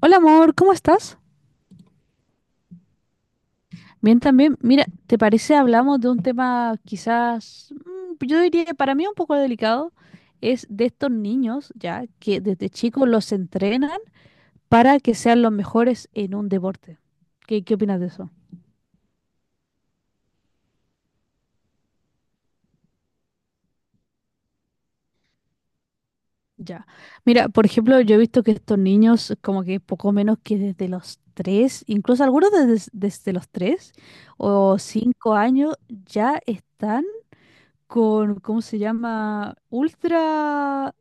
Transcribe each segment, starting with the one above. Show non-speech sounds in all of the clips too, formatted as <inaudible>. Hola amor, ¿cómo estás? Bien también. Mira, ¿te parece hablamos de un tema quizás, yo diría que para mí un poco delicado, es de estos niños ya que desde chicos los entrenan para que sean los mejores en un deporte. ¿Qué opinas de eso? Ya. Mira, por ejemplo, yo he visto que estos niños como que poco menos que desde los tres, incluso algunos desde los tres o cinco años ya están con, ¿cómo se llama?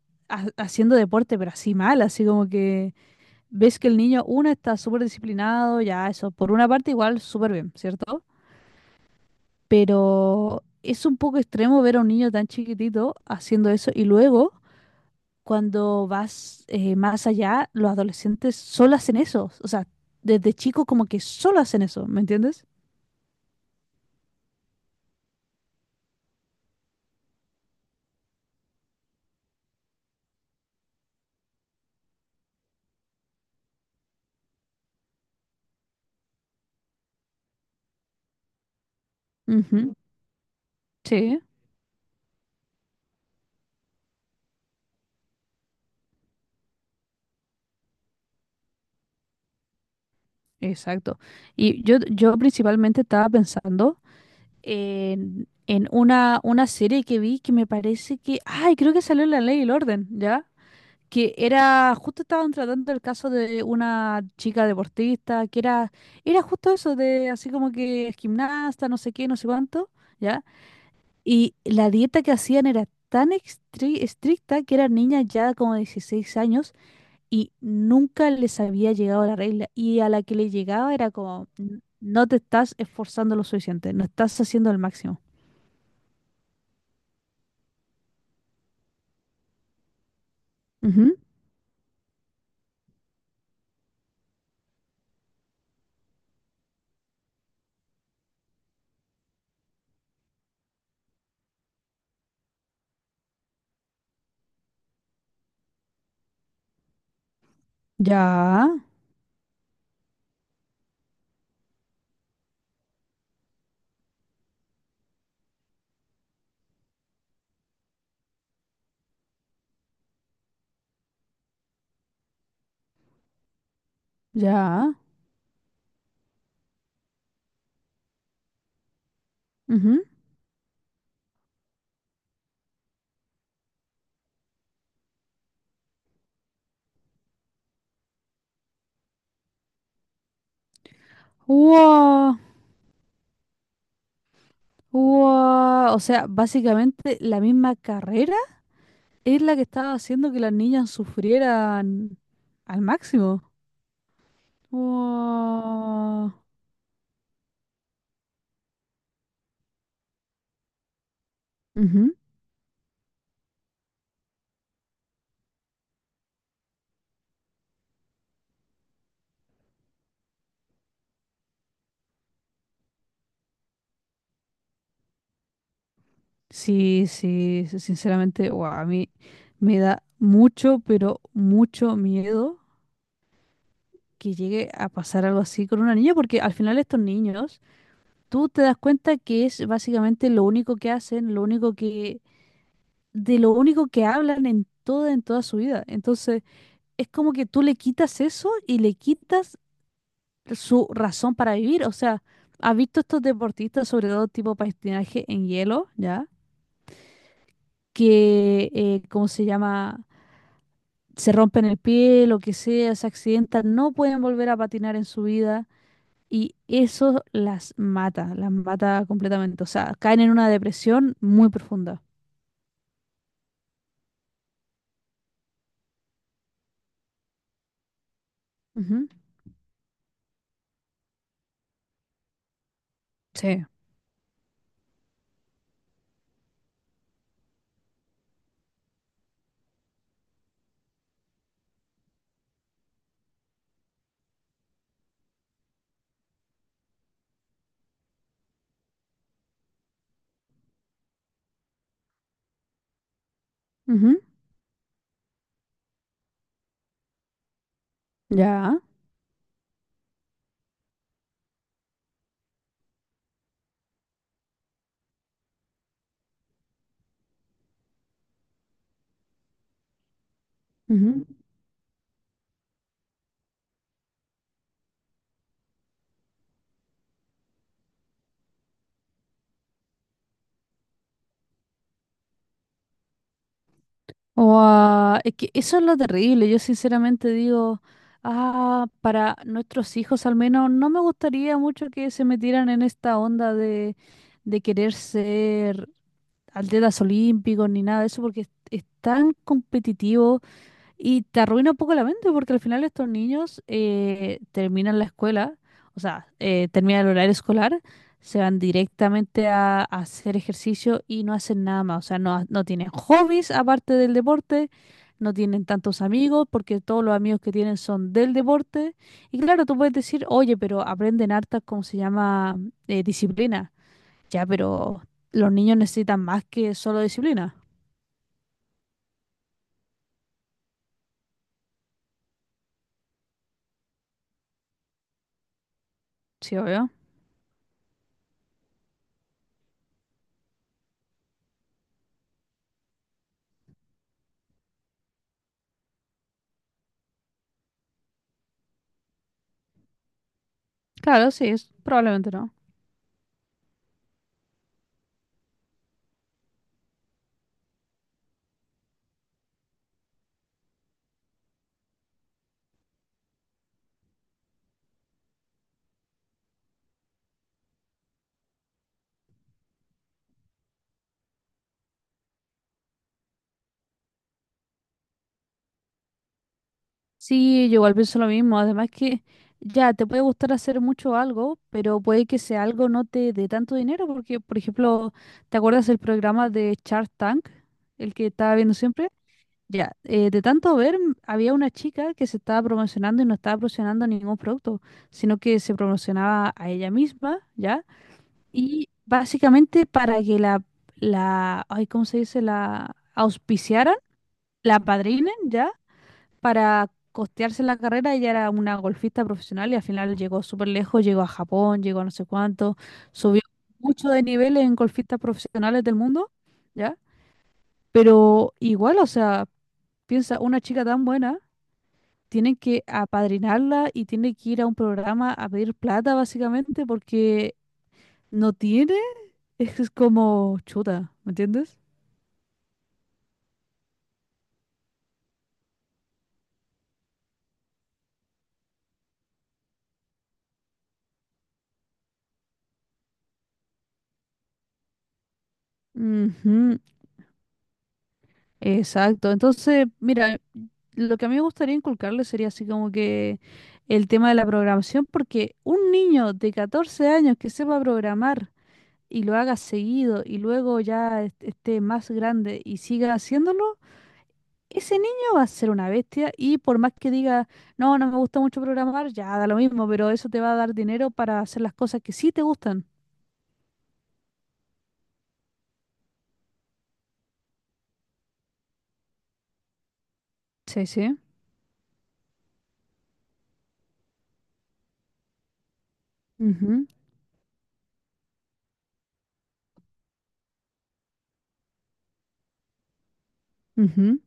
Haciendo deporte, pero así mal, así como que ves que el niño, uno está súper disciplinado, ya eso, por una parte igual súper bien, ¿cierto? Pero es un poco extremo ver a un niño tan chiquitito haciendo eso y luego cuando vas más allá, los adolescentes solo hacen eso, o sea, desde chicos como que solo hacen eso, ¿me entiendes? Ujú, sí, exacto. Y yo principalmente estaba pensando en una serie que vi que me parece que, ay, creo que salió en La Ley y el Orden, ¿ya? Que era, justo estaban tratando el caso de una chica deportista, que era, era justo eso, de así como que es gimnasta, no sé qué, no sé cuánto, ¿ya? Y la dieta que hacían era tan estricta que eran niñas ya como de 16 años y nunca les había llegado la regla. Y a la que le llegaba era como, No te estás esforzando lo suficiente, no estás haciendo el máximo." Ujú. Ya, ya. Ujú. Wow, wow. O sea, básicamente la misma carrera es la que estaba haciendo que las niñas sufrieran al máximo. Wow. Ujú. Sí, sí, sí, sinceramente, wow, a mí me da mucho, pero mucho miedo que llegue a pasar algo así con una niña, porque al final estos niños, tú te das cuenta que es básicamente lo único que hacen, lo único que de lo único que hablan en toda su vida. Entonces, es como que tú le quitas eso y le quitas su razón para vivir. O sea, ¿has visto estos deportistas, sobre todo tipo patinaje en hielo, ya? Que, ¿cómo se llama? Se rompen el pie, lo que sea, se accidentan, no pueden volver a patinar en su vida. Y eso las mata completamente. O sea, caen en una depresión muy profunda. Ujú, sí. Ujú, ya. Ujú. Guau, es que eso es lo terrible. Yo sinceramente digo, ah, para nuestros hijos al menos, no me gustaría mucho que se metieran en esta onda de querer ser atletas olímpicos ni nada de eso, porque es tan competitivo. Y te arruina un poco la mente porque al final estos niños terminan la escuela, o sea, terminan el horario escolar, se van directamente a hacer ejercicio y no hacen nada más, o sea, no, no tienen hobbies aparte del deporte, no tienen tantos amigos porque todos los amigos que tienen son del deporte. Y claro, tú puedes decir, oye, pero aprenden hartas, ¿cómo se llama? Disciplina. Ya, pero los niños necesitan más que solo disciplina. Sí, obvio. Claro, sí, es, probablemente no. Sí, yo igual pienso lo mismo. Además que ya te puede gustar hacer mucho algo, pero puede que sea algo no te dé tanto dinero, porque, por ejemplo, ¿te acuerdas del programa de Shark Tank, el que estaba viendo siempre? Ya, de tanto ver, había una chica que se estaba promocionando y no estaba promocionando ningún producto, sino que se promocionaba a ella misma, ¿ya? Y básicamente para que la, ay, ¿cómo se dice? La auspiciaran, la padrinen, ¿ya? Para costearse la carrera, ella era una golfista profesional y al final llegó súper lejos, llegó a Japón, llegó a no sé cuánto, subió mucho de nivel en golfistas profesionales del mundo, ¿ya? Pero igual, o sea, piensa, una chica tan buena, tienen que apadrinarla y tiene que ir a un programa a pedir plata, básicamente, porque no tiene, <laughs> es que es como chuta, ¿me entiendes? Ujú. Exacto. Entonces, mira, lo que a mí me gustaría inculcarle sería así como que el tema de la programación, porque un niño de 14 años que sepa programar y lo haga seguido y luego ya esté más grande y siga haciéndolo, ese niño va a ser una bestia y por más que diga, no, no me gusta mucho programar, ya da lo mismo, pero eso te va a dar dinero para hacer las cosas que sí te gustan. Sí, sí. Ujú, ujú.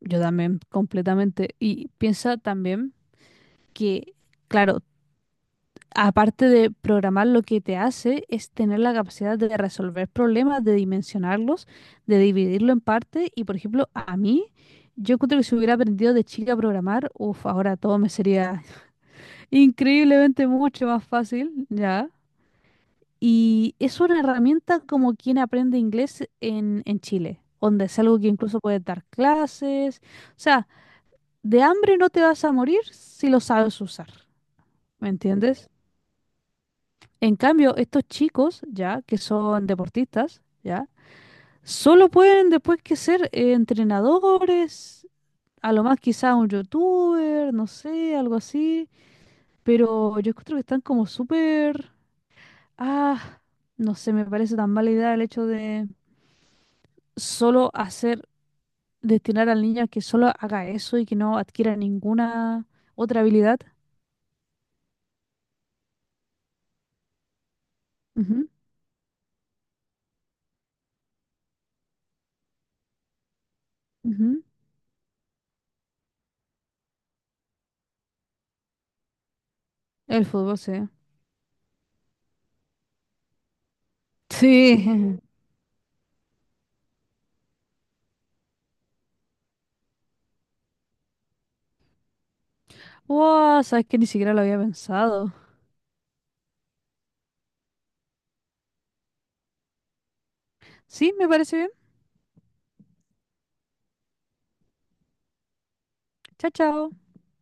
Yo también, completamente. Y piensa también. Que, claro, aparte de programar, lo que te hace es tener la capacidad de resolver problemas, de dimensionarlos, de dividirlo en partes. Y, por ejemplo, a mí, yo encuentro que si hubiera aprendido de chica a programar, uff, ahora todo me sería <laughs> increíblemente mucho más fácil, ¿ya? Y es una herramienta como quien aprende inglés en Chile, donde es algo que incluso puedes dar clases. O sea, de hambre no te vas a morir si lo sabes usar, ¿me entiendes? En cambio, estos chicos, ya, que son deportistas, ya, solo pueden después que ser entrenadores, a lo más quizá un youtuber, no sé, algo así, pero yo creo que están como súper, ah, no sé, me parece tan mala idea el hecho de solo hacer, destinar al niño a que solo haga eso y que no adquiera ninguna otra habilidad. Ujú, ujú. El fútbol, sí. Sí. <laughs> Wow, sabes que ni siquiera lo había pensado. Sí, me parece bien. Chao, chao.